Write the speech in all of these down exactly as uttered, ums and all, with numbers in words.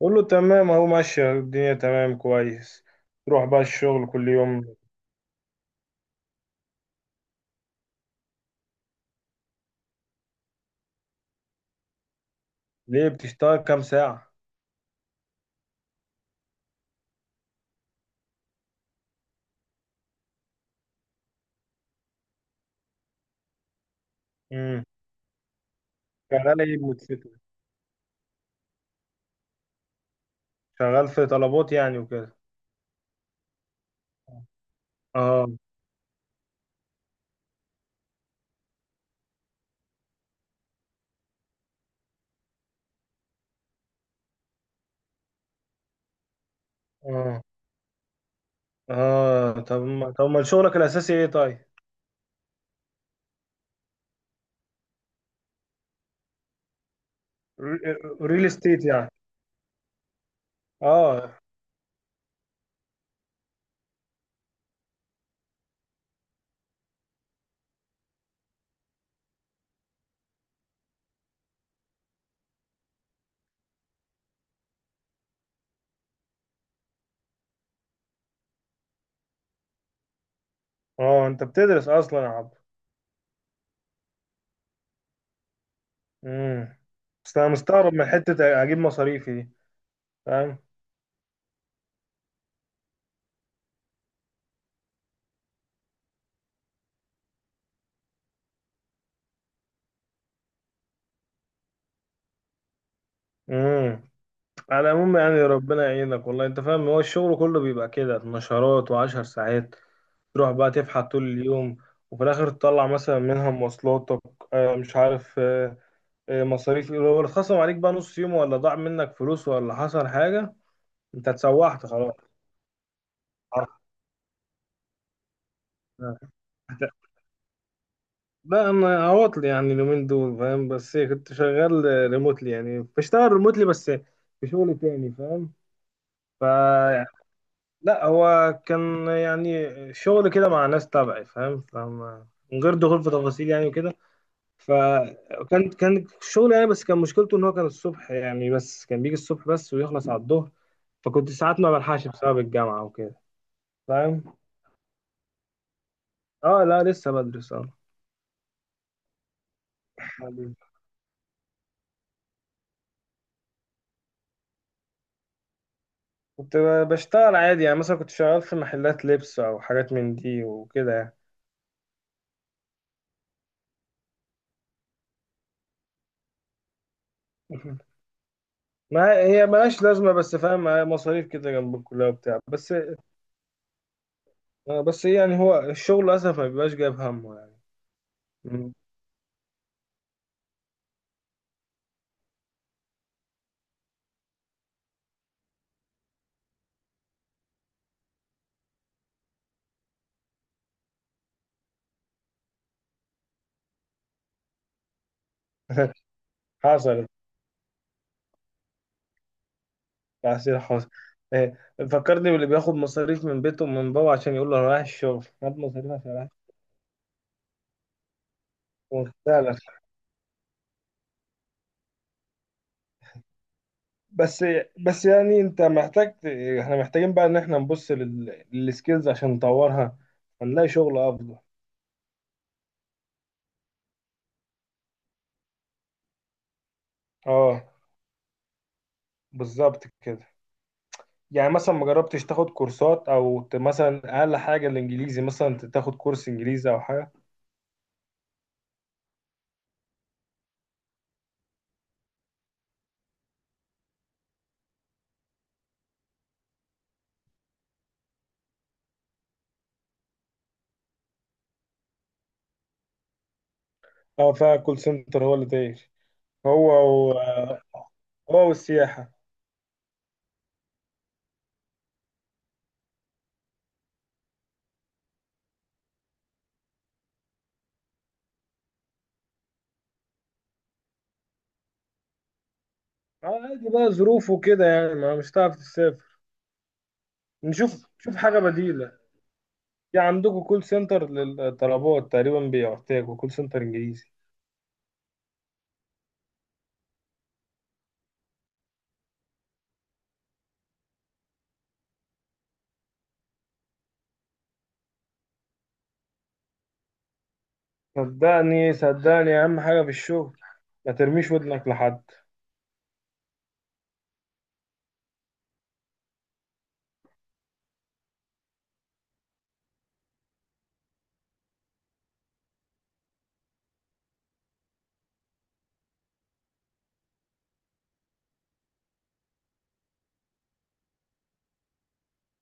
قول له تمام اهو، ماشية الدنيا تمام كويس. تروح بقى الشغل كل يوم؟ ليه بتشتغل كام ساعة؟ امم شغال ايه بموتوسيكل؟ شغال في طلبات يعني وكده. اه. اه. اه طب ما طب ما شغلك الأساسي ايه طيب؟ ريل استيت يعني. اه. اه انت بتدرس اصلا يا عبد؟ امم بس انا مستغرب من حتة اجيب مصاريفي دي. فاهم؟ امم. على العموم يعني ربنا يعينك والله. انت فاهم هو الشغل كله بيبقى كده نشرات وعشر ساعات، تروح بقى تفحت طول اليوم وفي الاخر تطلع مثلا منها مواصلاتك، آه، مش عارف، آه، آه، مصاريف لو اتخصم عليك بقى نص يوم ولا ضاع منك فلوس ولا حصل حاجة، انت اتسوحت خلاص. هت- لا انا عواطل يعني اليومين دول فاهم، بس إيه، كنت شغال ريموتلي، يعني بشتغل ريموتلي بس في شغل تاني فاهم. ف لا هو كان يعني شغل كده مع ناس تبعي فاهم، فما من غير دخول في تفاصيل يعني وكده. فكان كان شغل يعني، بس كان مشكلته ان هو كان الصبح، يعني بس كان بيجي الصبح بس ويخلص على الظهر، فكنت ساعات ما بلحقش بسبب الجامعة وكده. فاهم. اه لا لسه بدرس اه. بعدين. كنت ب- بشتغل عادي، يعني مثلا كنت شغال في محلات لبس او حاجات من دي وكده يعني. ما هي ملهاش لازمة بس فاهم، مصاريف كده جنب الكلية وبتاع بس. آه، بس يعني هو الشغل للأسف ما بيبقاش جايب همه يعني. حصل. تعسير حاصل. إيه، فكرني باللي بياخد مصاريف من بيته ومن بابا عشان يقول له انا رايح الشغل، خد مصاريف عشان رايح. الشغل فعلا. بس بس يعني انت محتاج ت- احنا محتاجين بقى ان احنا نبص لل- للسكيلز عشان نطورها، هنلاقي شغل افضل. اه، بالظبط كده. يعني مثلا ما جربتش تاخد كورسات او ت- مثلا اقل حاجه الانجليزي، مثلا ت- تاخد كورس انجليزي او حاجه. اه فكول سنتر هو اللي داير. هو و... هو والسياحه. آه، عادي بقى ظروف وكده، يعني ما مش هتعرف تسافر. نشوف نشوف حاجة بديلة. في عندكم كول سنتر للطلبات، تقريبا بيحتاجوا كول سنتر انجليزي. صدقني صدقني اهم حاجة في الشغل، ما ترميش ودنك لحد.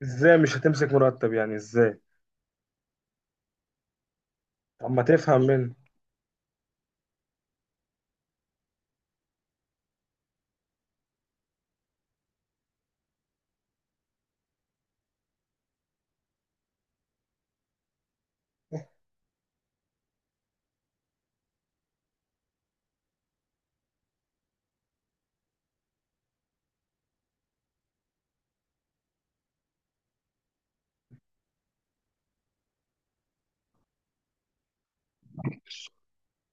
ازاي مش هتمسك مرتب يعني؟ ازاي؟ طب ما تفهم منه.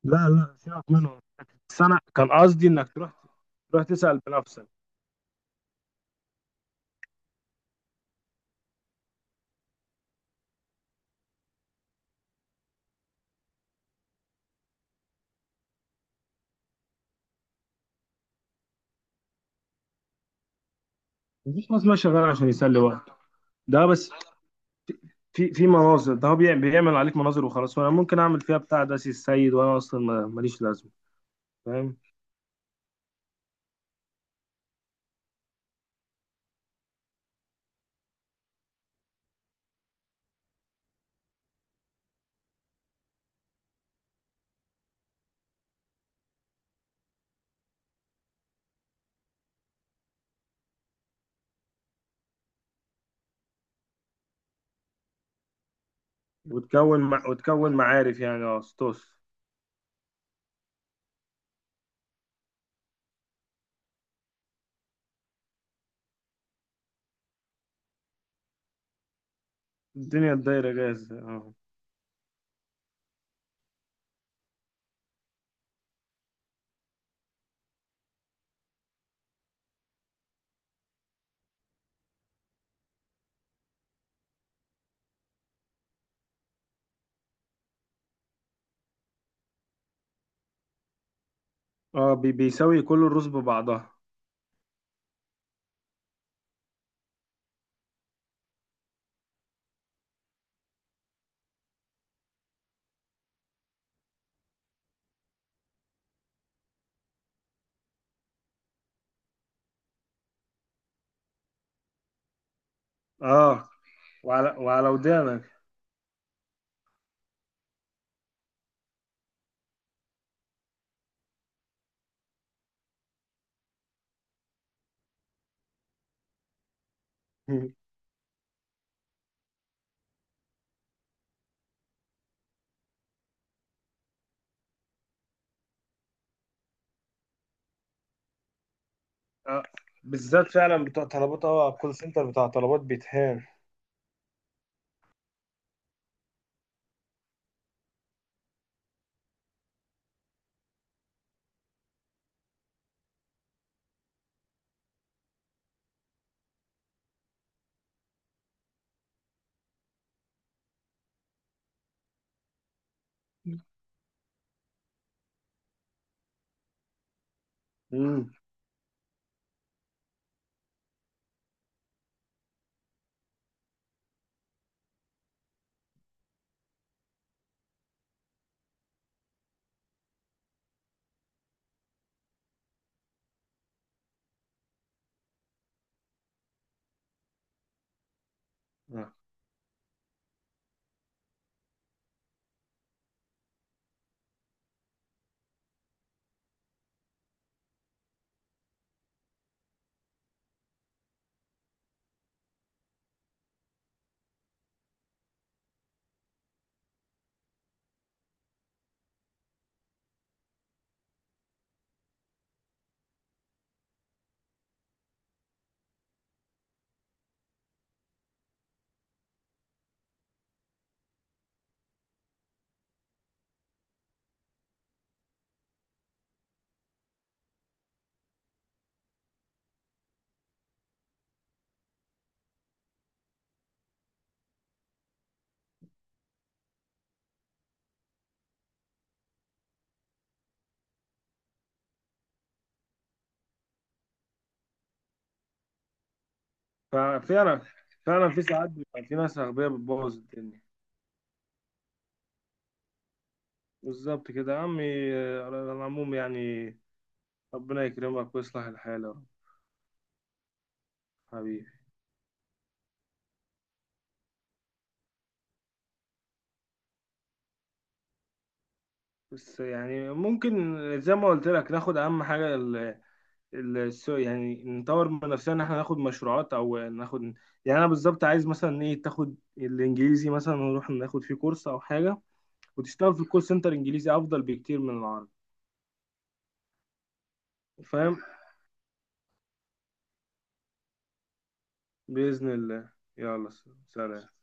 لا لا سيبك منه. بس انا كان قصدي انك تروح، تروح تسأل بنفسك. مفيش ناس ماشية شغال عشان يسلي وقته. ده بس في في مناظر، ده هو بيعمل, بيعمل عليك مناظر وخلاص، وانا ممكن اعمل فيها بتاع داسي السيد، وانا اصلا ما- ماليش لازمة. فاهم. وتكون مع... وتكون معارف يعني، اه ستوس. الدنيا الدايرة جاهزة اه. اه بي... بيساوي كل الرز ببعضها. اه، وعلى وعلى ودانك. اه بالذات فعلا بتوع طلبات، اه الكول سنتر بتاع طلبات بيتهان. امم. آه. ففعلا فعلا في ساعات بيبقى في ناس أغبياء بتبوظ الدنيا. بالظبط كده يا عمي. آه، على العموم يعني ربنا يكرمك ويصلح الحال يا رب. حبيبي. بس يعني ممكن زي ما قلت لك ناخد أهم حاجة، الس- يعني نطور من نفسنا ان احنا ناخد مشروعات او ناخد. يعني انا بالظبط عايز مثلا ايه، تاخد الانجليزي مثلا، ونروح ناخد فيه كورس او حاجه. وتشتغل في الكول سنتر انجليزي افضل بكتير من العربي. فاهم. باذن الله. يلا. سلام.